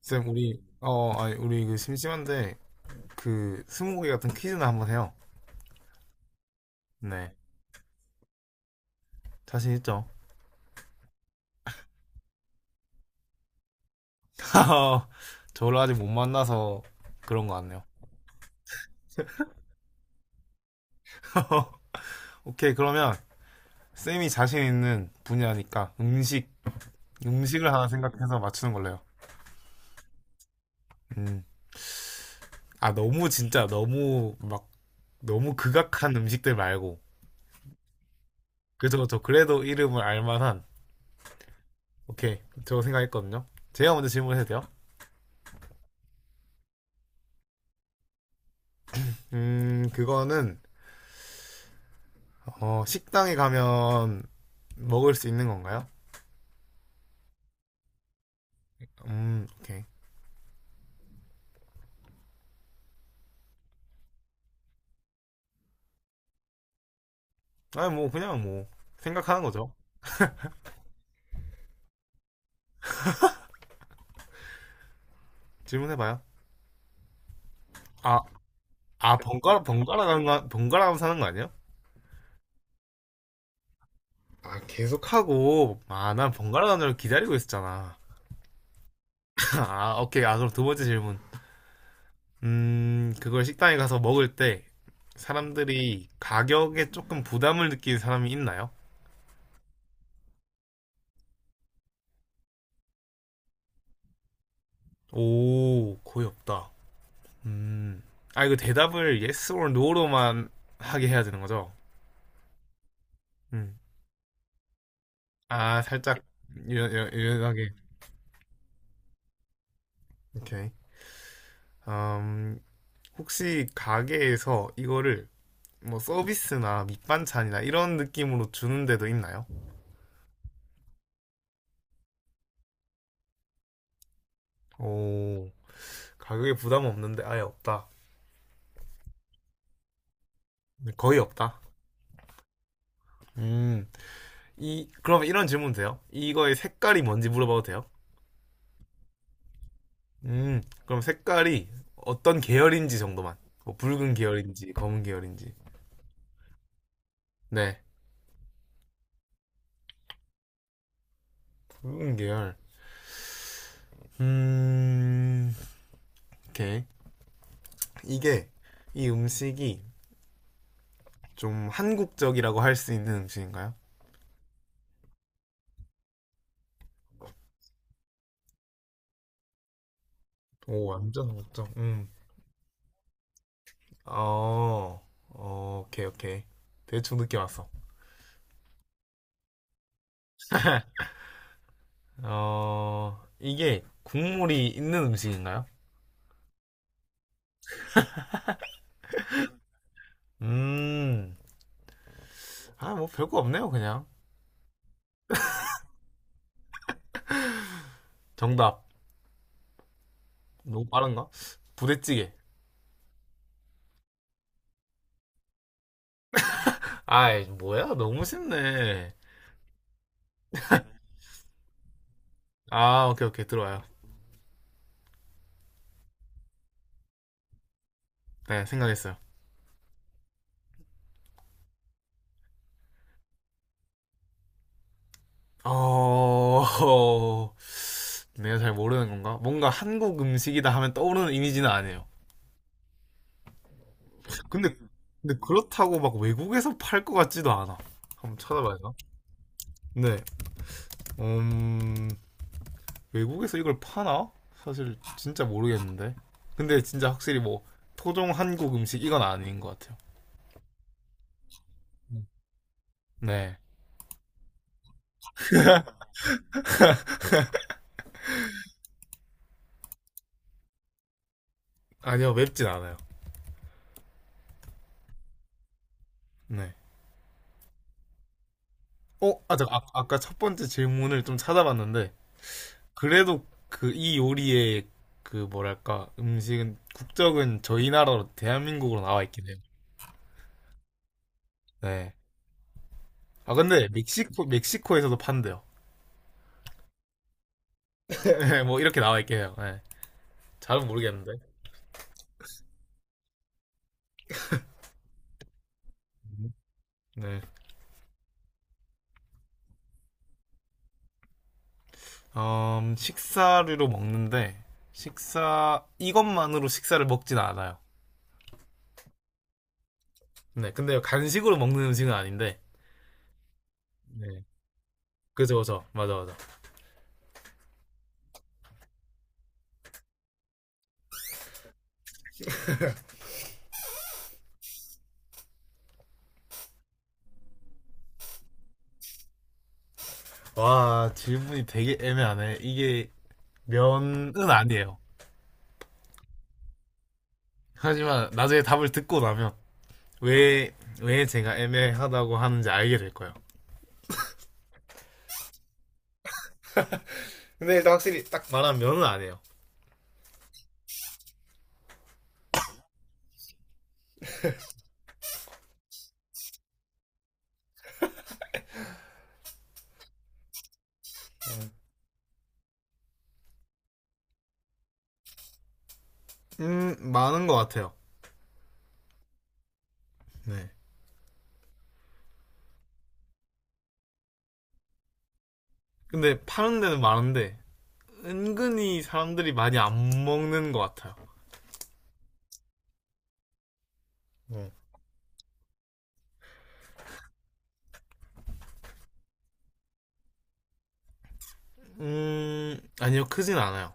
쌤, 우리, 어, 아니, 우리 그 심심한데, 그, 스무고개 같은 퀴즈나 한번 해요. 네. 자신 있죠? 저를 아직 못 만나서 그런 거 같네요. 오케이, 그러면, 쌤이 자신 있는 분야니까, 음식, 음식을 하나 생각해서 맞추는 걸로 해요. 음. 아, 너무 진짜, 너무, 막, 너무 극악한 음식들 말고. 그죠, 저 그래도 이름을 알 만한, 오케이, 저 생각했거든요. 제가 먼저 질문해도 돼요? 그거는, 어, 식당에 가면 먹을 수 있는 건가요? 오케이. 아니, 뭐, 그냥 뭐, 생각하는 거죠. 질문해봐요. 아, 아, 번갈아, 번갈아 가는 거, 번갈아 가면서 사는 거 아니에요? 아, 계속하고, 아, 난 번갈아 가는 걸 기다리고 있었잖아. 아, 오케이. 아, 그럼 두 번째 질문. 그걸 식당에 가서 먹을 때, 사람들이 가격에 조금 부담을 느끼는 사람이 있나요? 오, 거의 없다. 음, 아, 이거 대답을 yes or no로만 하게 해야 되는 거죠? 음. 아, 살짝 유연하게. 오케이. 음, 혹시 가게에서 이거를 뭐 서비스나 밑반찬이나 이런 느낌으로 주는 데도 있나요? 오, 가격에 부담 없는데 아예 없다. 네, 거의 없다. 음, 이, 그럼 이런 질문 돼요? 이거의 색깔이 뭔지 물어봐도 돼요? 그럼 색깔이 어떤 계열인지 정도만. 뭐 붉은 계열인지, 검은 계열인지. 네, 붉은 계열. 음, 오케이. 이게 이 음식이 좀 한국적이라고 할 수 있는 음식인가요? 오, 완전 한국적. 음. 어, 어, 오케이, 오케이. 대충 느낌 왔어. 어, 이게 국물이 있는 음식인가요? 음, 아, 뭐 별거 없네요, 그냥. 정답. 너무 빠른가? 부대찌개. 아이, 뭐야? 너무 쉽네. 아, 오케이, 오케이. 들어와요. 네, 생각했어요. 어, 내가 잘 모르는 건가? 뭔가 한국 음식이다 하면 떠오르는 이미지는 아니에요. 근데 그렇다고 막 외국에서 팔 것 같지도 않아. 한번 찾아봐야 되나? 네. 음, 외국에서 이걸 파나? 사실 진짜 모르겠는데. 근데 진짜 확실히 뭐 토종 한국 음식 이건 아닌 것 같아요. 네. 아니요, 맵진 않아요. 네. 어, 아, 잠깐, 아, 아까 첫 번째 질문을 좀 찾아봤는데, 그래도 그 이 요리의 그 뭐랄까, 음식은, 국적은 저희 나라로 대한민국으로 나와 있긴 해요. 네. 아, 근데 멕시코에서도 판대요. 네, 뭐 이렇게 나와 있긴 해요. 네. 잘은 모르겠는데. 네. 식사류로 먹는데 식사 이것만으로 식사를 먹진 않아요. 네. 근데 간식으로 먹는 음식은 아닌데. 네. 그죠, 그죠. 맞아, 맞아. 와, 질문이 되게 애매하네. 이게 면은 아니에요. 하지만 나중에 답을 듣고 나면 왜, 왜 제가 애매하다고 하는지 알게 될 거예요. 근데 일단 확실히 딱 말하면 면은 아니에요. 많은 것 같아요. 네. 근데 파는 데는 많은데 은근히 사람들이 많이 안 먹는 것 같아요. 네. 아니요, 크진 않아요.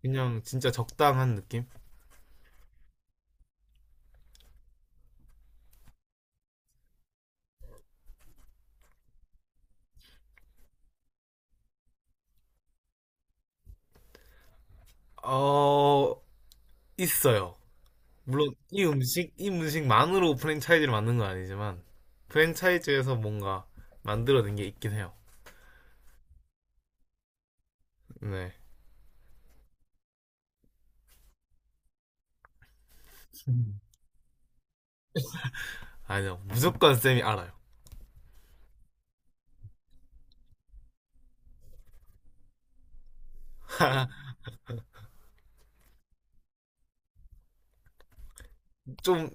그냥 진짜 적당한 느낌? 어, 있어요. 물론 이 음식, 이 음식만으로 프랜차이즈를 만든 건 아니지만, 프랜차이즈에서 뭔가 만들어낸 게 있긴 해요. 네. 음. 아니요, 무조건 쌤이 알아요. 좀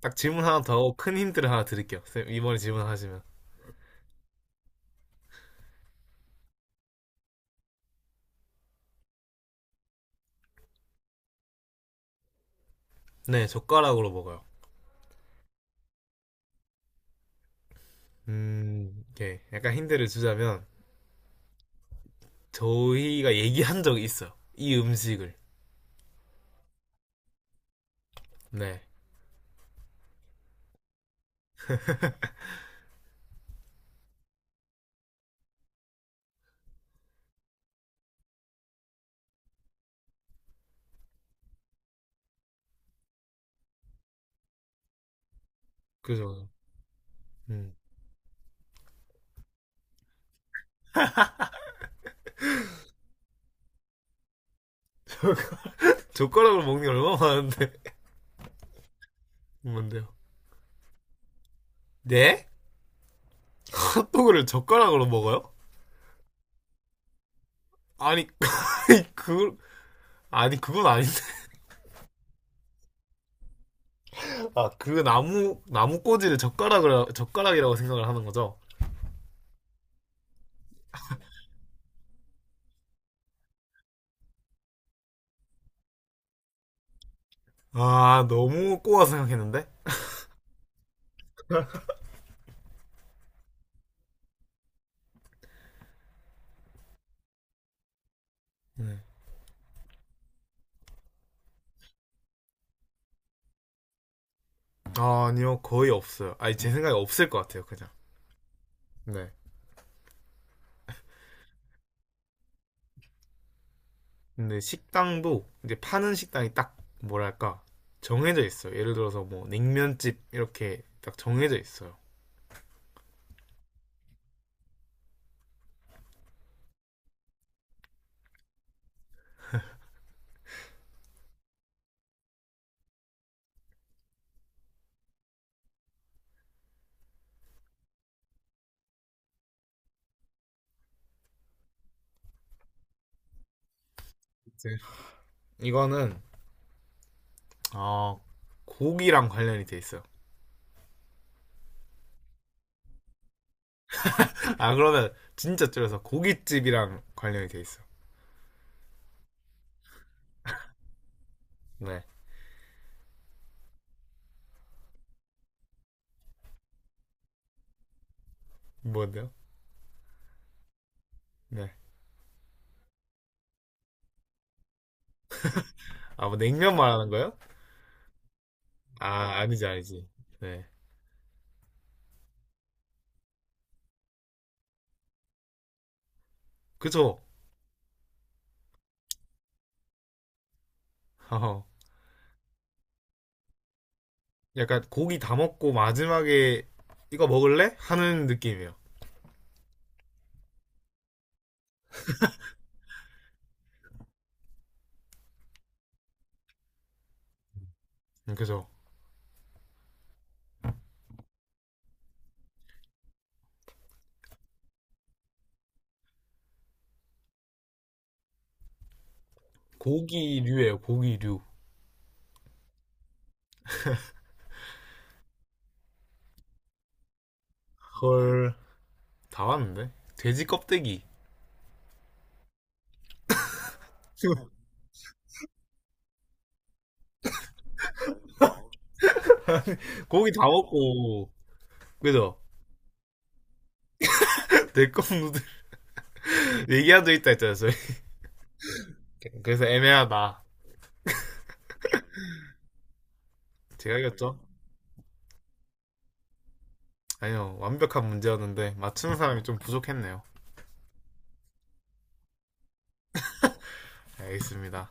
딱 질문 하나 더 하고 큰 힌트를 하나 드릴게요. 쌤, 이번에 질문하시면. 네, 젓가락으로 먹어요. 이렇게 약간 힌트를 주자면, 저희가 얘기한 적이 있어요. 이 음식을. 네. 그죠. 음. 젓가락으로 먹는 게 얼마나 많은데. 뭔데요? 네? 핫도그를 젓가락으로 먹어요? 아니, 그, 아니, 그건 아닌데. 아, 그 나무 꼬지를 젓가락이라고 생각을 하는 거죠? 아, 너무 꼬아 생각했는데? 네. 아, 아니요. 거의 없어요. 아니, 제 생각에 없을 것 같아요, 그냥. 네. 근데 식당도 이제 파는 식당이 딱 뭐랄까 정해져 있어요. 예를 들어서 뭐 냉면집 이렇게 딱 정해져 있어요. 이제 이거는 어, 고기랑 관련이 돼 있어요. 아 그러면 진짜 줄여서 고깃집이랑 관련이 돼 있어. 네. 뭔데요? 네. 아 뭐 냉면 말하는 거예요? 아 아니지. 네. 그쵸? 어, 약간 고기 다 먹고 마지막에 이거 먹을래? 하는 느낌이에요. 그죠? 고기류예요 고기류. 헐. 다 왔는데? 돼지 껍데기. 고기 다 먹고. 그죠? 내껌 누들 얘기하도 있다 했잖아요, 저희. 그래서 애매하다. 제가 이겼죠? 아니요, 완벽한 문제였는데, 맞추는 사람이 좀 부족했네요. 알겠습니다.